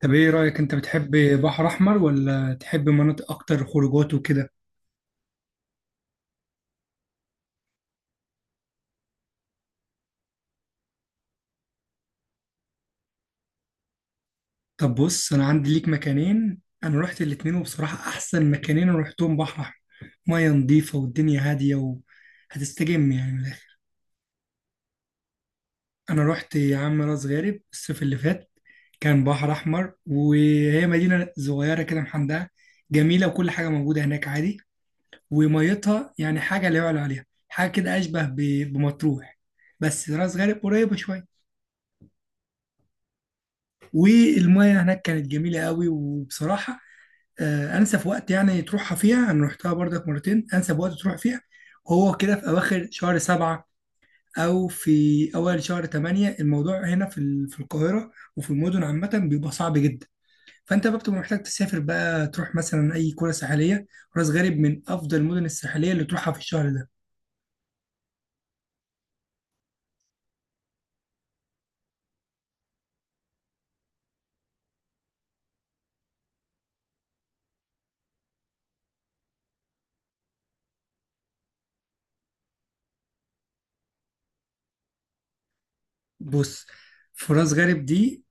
طب ايه رأيك، انت بتحب بحر احمر ولا تحب مناطق اكتر خروجات وكده؟ طب بص، انا عندي ليك مكانين. انا رحت الاتنين وبصراحة احسن مكانين انا رحتهم بحر احمر. مية نظيفة والدنيا هادية وهتستجم يعني من الاخر. انا رحت يا عم راس غارب الصيف اللي فات. كان بحر احمر وهي مدينة صغيرة كده محندقة جميلة وكل حاجة موجودة هناك عادي. وميتها يعني حاجة لا يعلى عليها، حاجة كده اشبه بمطروح. بس راس غارب قريبة شوية. والمية هناك كانت جميلة قوي، وبصراحة انسب وقت يعني تروحها فيها، انا رحتها برضك مرتين. انسب وقت تروح فيها هو كده في اواخر شهر 7 او في اول شهر 8. الموضوع هنا في في القاهرة وفي المدن عامة بيبقى صعب جدا. فانت بقى بتبقى محتاج تسافر بقى، تروح مثلا اي قرى ساحلية. راس غارب من افضل المدن الساحلية اللي تروحها في الشهر ده. بص، في راس غارب دي،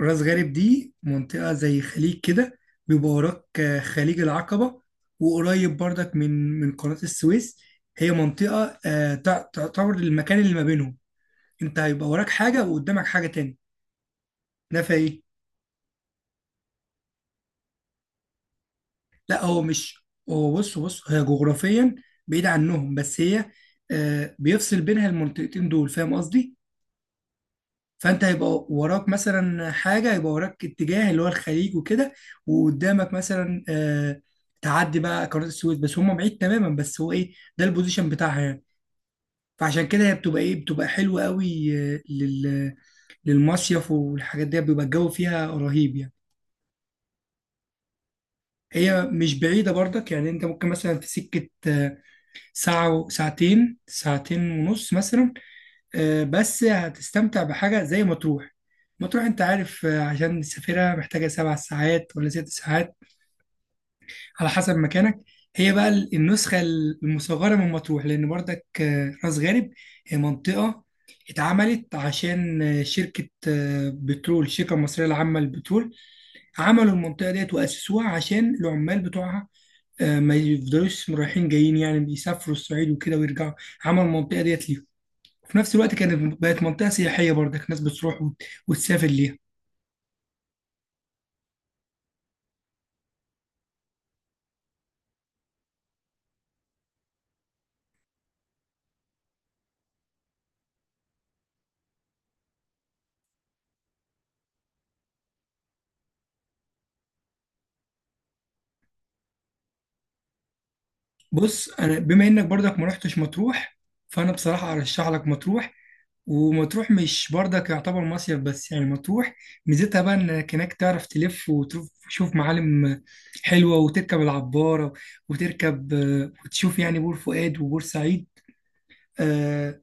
راس غارب دي منطقة زي خليج كده. بيبقى وراك خليج العقبة وقريب برضك من قناة السويس. هي منطقة تعتبر المكان اللي ما بينهم. انت هيبقى وراك حاجة وقدامك حاجة تاني. ده في ايه؟ لا، هو مش هو. بص هي جغرافيا بعيد عنهم، بس هي بيفصل بينها المنطقتين دول. فاهم قصدي؟ فانت هيبقى وراك مثلا حاجه، هيبقى وراك اتجاه اللي هو الخليج وكده، وقدامك مثلا تعدي بقى قناه السويس، بس هم بعيد تماما، بس هو ايه ده البوزيشن بتاعها يعني. فعشان كده هي بتبقى ايه، بتبقى حلوه قوي للمصيف والحاجات دي، بيبقى الجو فيها رهيب يعني. هي مش بعيده برضك يعني، انت ممكن مثلا في سكه ساعتين، ساعتين ونص مثلا. بس هتستمتع بحاجة زي مطروح. مطروح انت عارف، عشان نسافرها محتاجة 7 ساعات ولا 6 ساعات، على حسب مكانك. هي بقى النسخة المصغرة من مطروح، لأن برضك راس غارب هي منطقة اتعملت عشان شركة بترول، الشركة المصرية العامة للبترول، عملوا المنطقة ديت وأسسوها عشان العمال بتوعها ما يفضلوش رايحين جايين. يعني بيسافروا الصعيد وكده ويرجعوا، عملوا المنطقة ديت. في نفس الوقت كانت بقت منطقة سياحية برضك، ناس بتروح وتسافر ليها. بص، أنا بما إنك برضك ما رحتش مطروح، فأنا بصراحة أرشح لك مطروح. ومطروح مش برضك يعتبر مصيف بس، يعني مطروح ميزتها بقى إنك هناك تعرف تلف وتشوف معالم حلوة وتركب العبارة وتركب وتشوف يعني بور فؤاد وبور سعيد. آه،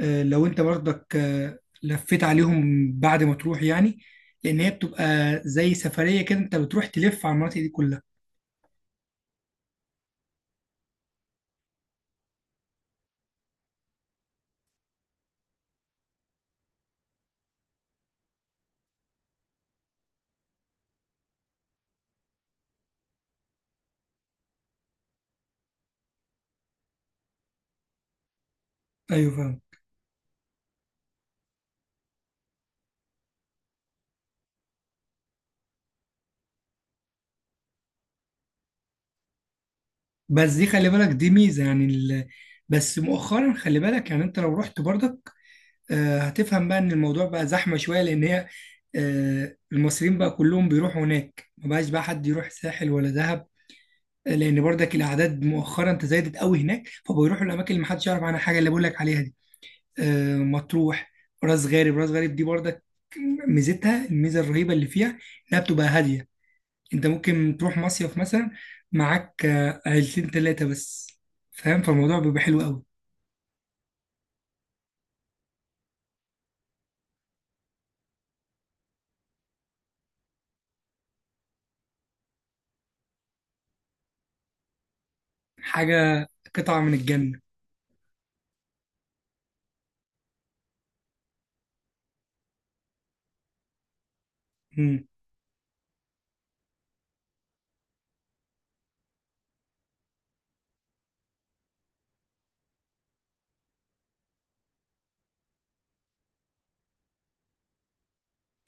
لو أنت برضك لفيت عليهم بعد ما تروح يعني، لأن هي بتبقى زي سفرية كده، أنت بتروح تلف على المناطق دي كلها. ايوه فاهم. بس دي خلي بالك، دي ميزه يعني بس مؤخرا خلي بالك، يعني انت لو رحت برضك هتفهم بقى ان الموضوع بقى زحمه شويه، لان هي المصريين بقى كلهم بيروحوا هناك، ما بقاش بقى حد يروح ساحل ولا دهب. لان برضك الاعداد مؤخرا تزايدت قوي هناك، فبيروحوا الاماكن اللي محدش يعرف عنها حاجه، اللي بقول لك عليها دي مطروح. راس غارب دي برضك ميزتها الميزه الرهيبه اللي فيها، انها بتبقى هاديه. انت ممكن تروح مصيف مثلا معاك عيلتين تلاتة بس. فاهم، فالموضوع بيبقى حلو قوي. حاجة قطعة من الجنة. مم.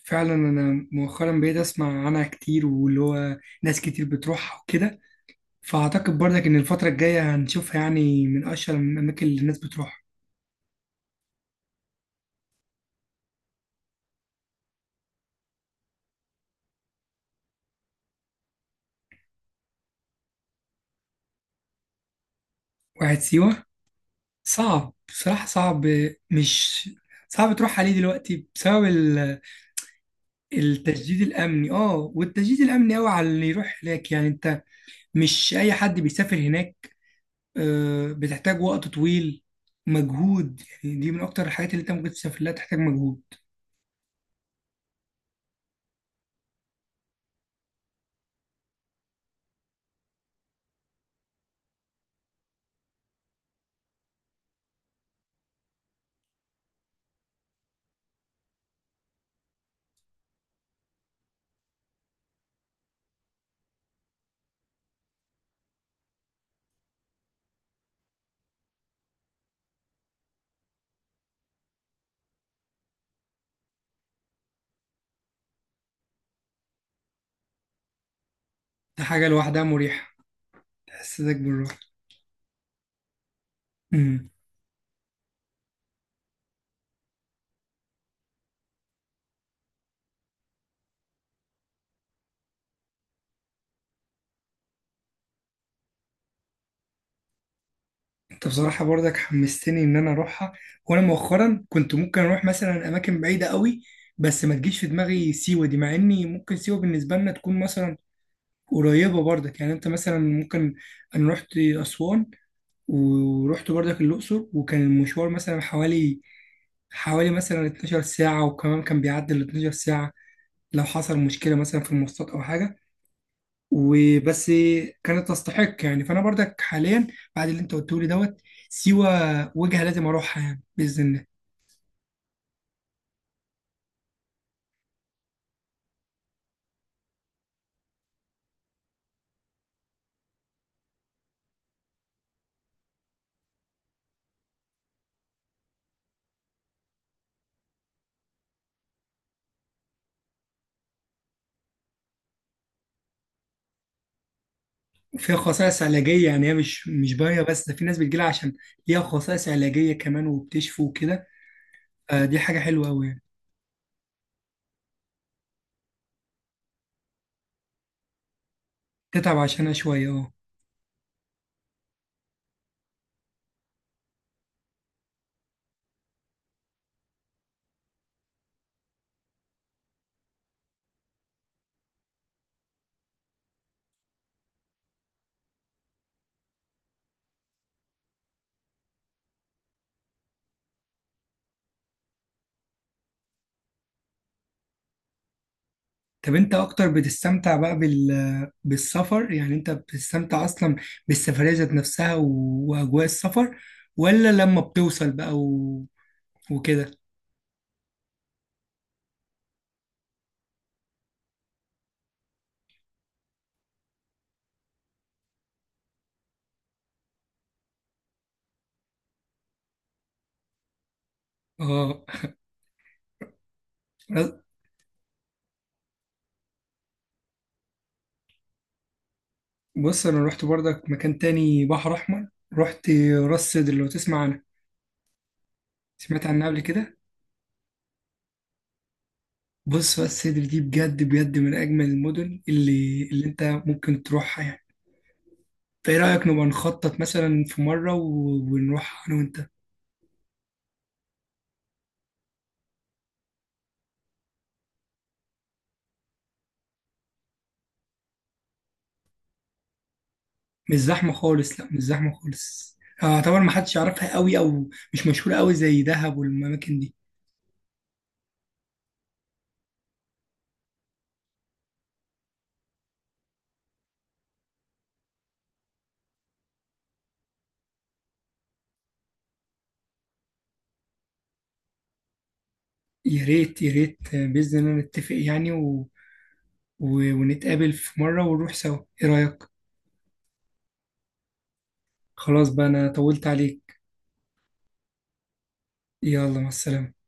فعلا انا مؤخرا بقيت اسمع عنها كتير، واللي هو ناس كتير بتروحها وكده. فاعتقد برضك ان الفترة الجاية هنشوفها يعني من اشهر الاماكن اللي الناس بتروحها. واحد سيوة. صعب بصراحة، صعب، مش تروح عليه دلوقتي بسبب التشديد الامني. اه، والتشديد الامني قوي على اللي يروح هناك. يعني انت مش أي حد بيسافر هناك. بتحتاج وقت طويل، مجهود، يعني دي من أكتر الحاجات اللي أنت ممكن تسافر لها تحتاج مجهود. دي حاجة لوحدها مريحة، تحسسك بالراحة. أمم. أنت بصراحة برضك حمستني إن أنا أروحها. وأنا مؤخرا كنت ممكن أروح مثلا أماكن بعيدة قوي، بس ما تجيش في دماغي سيوة دي، مع إني ممكن سيوة بالنسبة لنا تكون مثلا قريبة برضك. يعني أنت مثلا ممكن، أنا رحت أسوان ورحت برضك الأقصر، وكان المشوار مثلا حوالي مثلا 12 ساعة، وكمان كان بيعدي ال 12 ساعة لو حصل مشكلة مثلا في المواصلات أو حاجة وبس. كانت تستحق يعني. فأنا برضك حاليا بعد اللي أنت قلته لي دوت سيوة وجهة لازم أروحها، يعني بإذن الله. فيها خصائص علاجية يعني، هي مش باية بس، ده في ناس بتجيلها عشان ليها خصائص علاجية كمان وبتشفي وكده. دي حاجة حلوة أوي يعني، تتعب عشانها شوية. أه. طب انت اكتر بتستمتع بقى بالسفر؟ يعني انت بتستمتع اصلا بالسفرية ذات نفسها واجواء السفر، ولا لما بتوصل بقى وكده؟ اه. بص، انا رحت برضك مكان تاني بحر احمر. رحت راس سدر، لو تسمع عنها، سمعت عنها قبل كده؟ بص، راس سدر دي بجد بجد من اجمل المدن اللي انت ممكن تروحها يعني. فايه رايك نبقى نخطط مثلا في مره ونروح انا وانت؟ مش زحمة خالص، لا مش زحمة خالص. اعتبر ما حدش يعرفها قوي او مش مشهورة قوي زي دهب والاماكن دي. يا ريت يا ريت، بإذن الله نتفق يعني ونتقابل في مرة ونروح سوا. ايه رأيك؟ خلاص بقى، انا طولت عليك. يلا، مع السلامة.